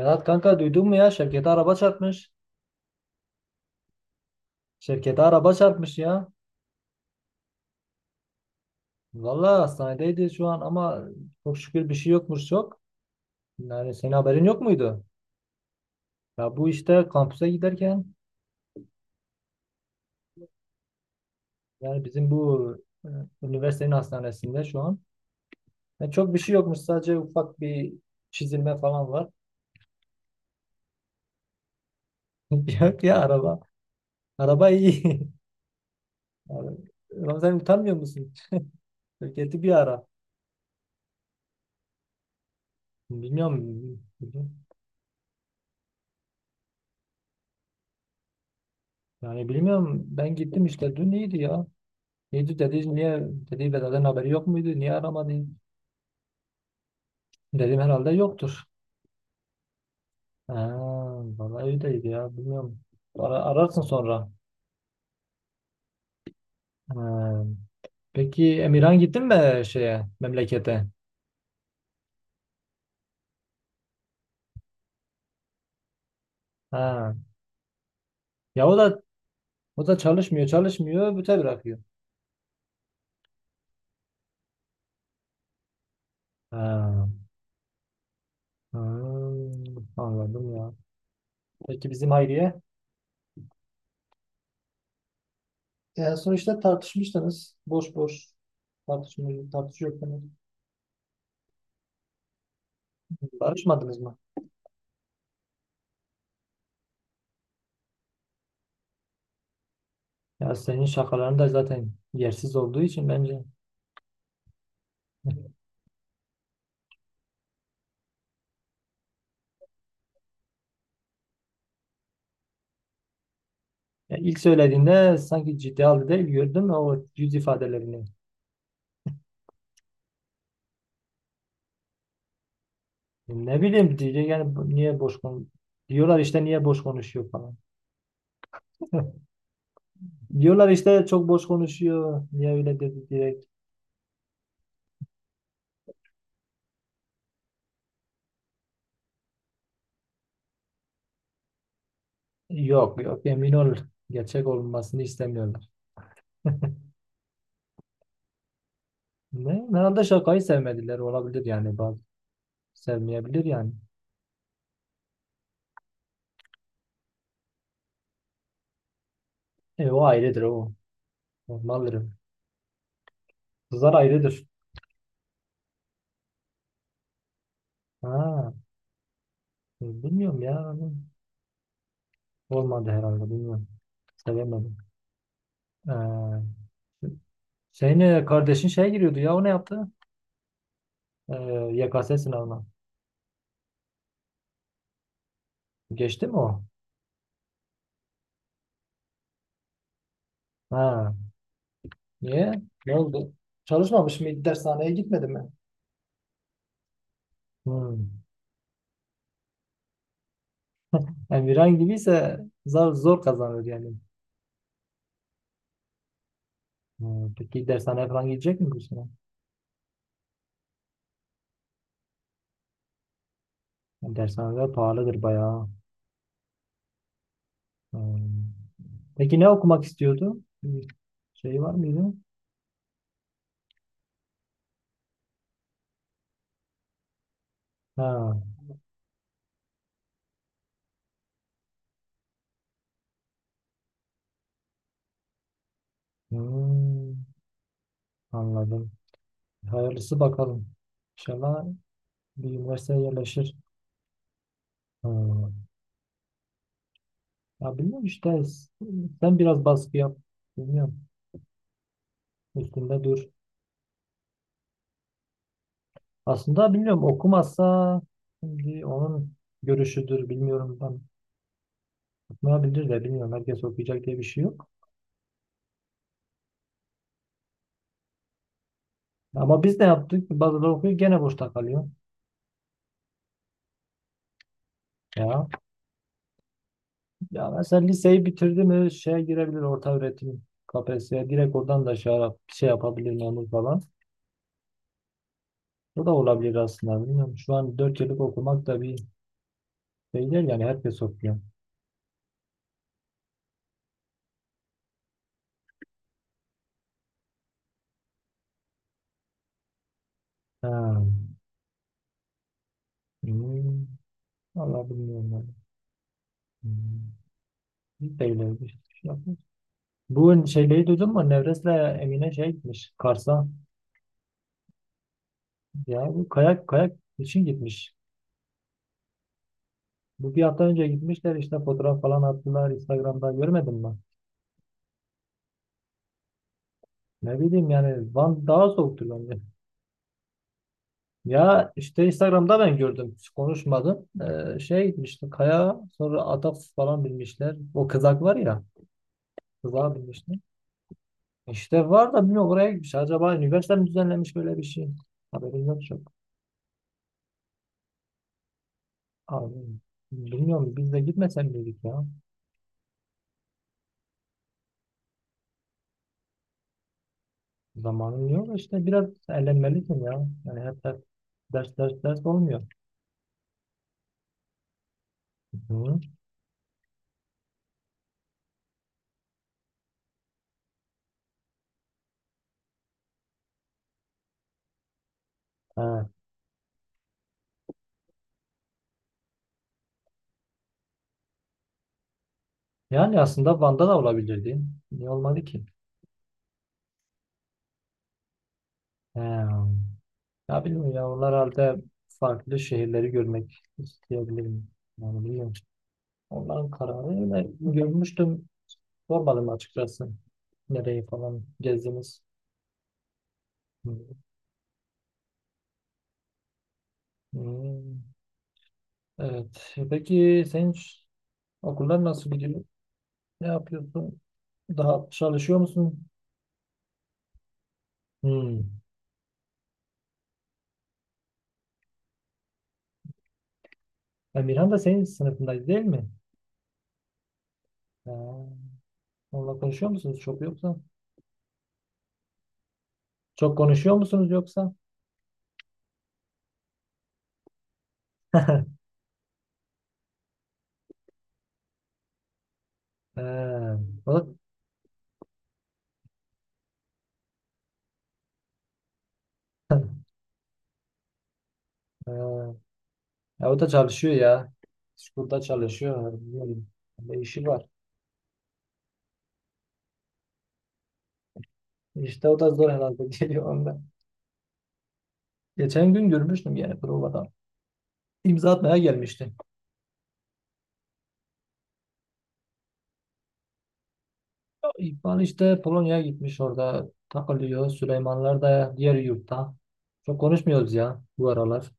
Vedat kanka duydun mu ya? Şevket'e araba çarpmış. Şevket'e araba çarpmış ya. Vallahi hastanedeydi şu an ama çok şükür bir şey yokmuş çok. Yani senin haberin yok muydu? Ya bu işte kampüse giderken yani bizim bu e, üniversitenin hastanesinde şu an ya çok bir şey yokmuş, sadece ufak bir çizilme falan var. Yok ya, araba. Araba iyi. Yani, Ramazan utanmıyor musun? Şevket'i bir ara. Bilmiyorum. Yani bilmiyorum, ben gittim işte, dün iyiydi ya. İyi dedi, niye dedi, Vedat'ın haberi yok muydu? Niye aramadı? Dedim herhalde yoktur. Ha, vallahi öyleydi ya, bilmiyorum. Ararsın sonra. Ha. Peki Emirhan, gittin mi şeye, memlekete? Ha. Ya o da çalışmıyor, büte bırakıyor. Ha. Hmm, anladım ya. Peki bizim Hayriye? En son işte tartışmıştınız. Boş boş tartışıyordunuz. Barışmadınız mı? Ya senin şakaların da zaten yersiz olduğu için, bence. Ya ilk söylediğinde sanki ciddi halde değil, gördüm o yüz ifadelerini. Ne bileyim, diyecek yani niye boş kon diyorlar işte, niye boş konuşuyor falan. Diyorlar işte çok boş konuşuyor. Niye öyle dedi direkt. Yok yok, emin ol, gerçek olmasını istemiyorlar. Ne? Herhalde şakayı sevmediler, olabilir yani, bazı sevmeyebilir yani. E, o ayrıdır o. Normaldir. Kızlar ayrıdır. Ha, bilmiyorum ya. Olmadı herhalde, bilmiyorum. Sevemedim. Ee, Senin kardeşin şeye giriyordu ya, o ne yaptı? Ee, YKS sınavına. Geçti mi o? Ha. Niye? Ne oldu? Çalışmamış mı? Dershaneye gitmedi mi? Hmm. Emirhan gibiyse zor kazanır yani. Hmm. Peki dershaneye falan gidecek mi bu sene? Yani dershaneler pahalıdır bayağı. Hmm. Peki ne okumak istiyordu? Bir şey var mıydı? Ha. Hmm. Anladım. Hayırlısı bakalım. İnşallah bir üniversiteye yerleşir. Hmm. Ya bilmiyorum işte, sen biraz baskı yap. Bilmiyorum. Üstünde dur. Aslında bilmiyorum, okumazsa şimdi onun görüşüdür, bilmiyorum. Ben okumayabilir de, bilmiyorum. Herkes okuyacak diye bir şey yok. Ama biz de yaptık. Bazıları okuyor, gene boşta kalıyor. Ya, ya mesela liseyi bitirdi mi şeye girebilir, orta öğretim KPSS'ye, direkt oradan da şey, şey yapabilir, memur falan. Bu da olabilir aslında, bilmiyorum. Şu an 4 yıllık okumak da bir şey değil yani, herkes okuyor. Ha. Hmm. Vallahi bilmiyorum ben. Hmm. Biz de öyle bir şey yapmıyoruz. Bu şeyleri duydun mu? Nevres'le Emine şey gitmiş, Kars'a. Ya bu kayak için gitmiş. Bu bir hafta önce gitmişler işte, fotoğraf falan attılar Instagram'da, görmedin mi? Ne bileyim yani, Van daha soğuktur bence. Ya işte Instagram'da ben gördüm. Hiç konuşmadım. Şey gitmişti kaya, sonra atak falan binmişler. O kızak var ya, kızağa binmişler. İşte var da, bilmiyorum oraya gitmiş. Acaba üniversite mi düzenlemiş böyle bir şey? Haberim yok şu. Abi, bilmiyorum, biz de gitmesen miydik ya? Zamanın yok işte, biraz eğlenmelisin ya. Yani hep ders olmuyor. Hı. Ha. Yani aslında Van'da da olabilirdi. Niye olmadı ki? He. Ya bilmiyorum ya, onlar halde farklı şehirleri görmek isteyebilirim. Yani bilmiyorum. Onların kararı öyle görmüştüm. Sormadım açıkçası. Nereyi falan gezdiniz. Hı. Hı. Evet. Peki senin okullar nasıl gidiyor? Ne yapıyorsun? Daha çalışıyor musun? Hmm. Ya Mirhan da senin sınıfındaydı değil mi? Ha. Onunla konuşuyor musunuz çok yoksa? Çok konuşuyor musunuz yoksa? Ha. O da, Ha. Ya o da çalışıyor ya. School'da çalışıyor. Bilmiyorum. Bir işi var. İşte o da zor herhalde geliyor onda. Geçen gün görmüştüm yani provada. İmza atmaya gelmişti. İkbal işte Polonya'ya gitmiş, orada takılıyor. Süleymanlar da diğer yurtta. Çok konuşmuyoruz ya bu aralar.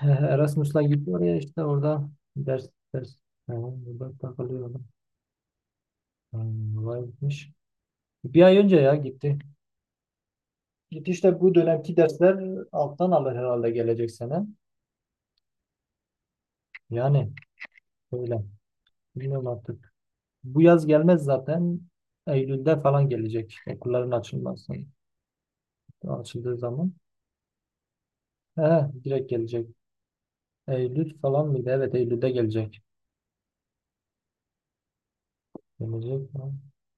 He, Erasmus'la gidiyor ya, işte orada ders ders yani, burada takılıyor adam. Hmm, vay, gitmiş. 1 ay önce ya gitti. Gitti işte, bu dönemki dersler alttan alır herhalde gelecek sene. Yani öyle. Bilmiyorum artık. Bu yaz gelmez zaten. Eylül'de falan gelecek. Okulların açılması. Açıldığı zaman. He, direkt gelecek. Eylül falan mıydı? Evet, Eylül'de gelecek. Gelecek mi?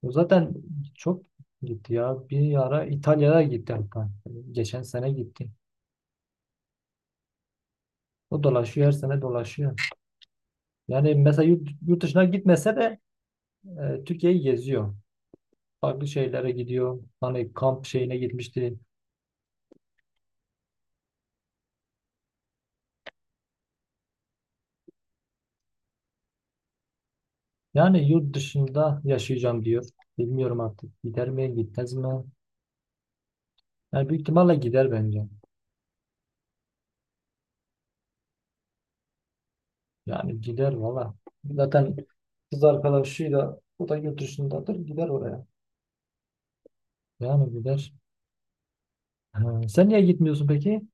O zaten çok gitti ya. Bir ara İtalya'ya gitti hatta. Geçen sene gitti. O dolaşıyor, her sene dolaşıyor. Yani mesela yurt dışına gitmese de Türkiye'yi geziyor. Farklı şeylere gidiyor. Hani kamp şeyine gitmişti. Yani yurt dışında yaşayacağım diyor. Bilmiyorum artık, gider mi gitmez mi? Yani büyük ihtimalle gider bence. Yani gider valla. Zaten kız arkadaşıyla, o da yurt dışındadır, gider oraya. Yani gider. Ha, sen niye gitmiyorsun peki?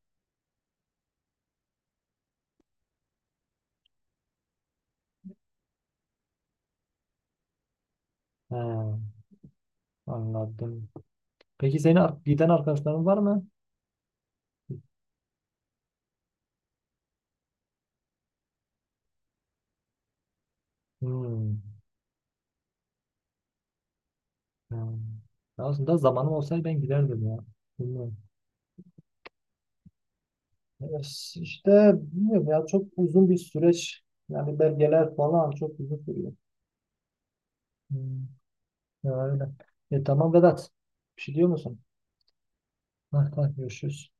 Ha, anladım. Peki senin giden arkadaşların var mı? Hmm, ha. Aslında zamanım olsaydı ben giderdim ya. Bilmiyorum. Evet, İşte bilmiyorum ya, çok uzun bir süreç. Yani belgeler falan çok uzun sürüyor. Hmm, ya öyle. E, tamam Vedat. Bir şey diyor musun? Ha, ha, görüşürüz.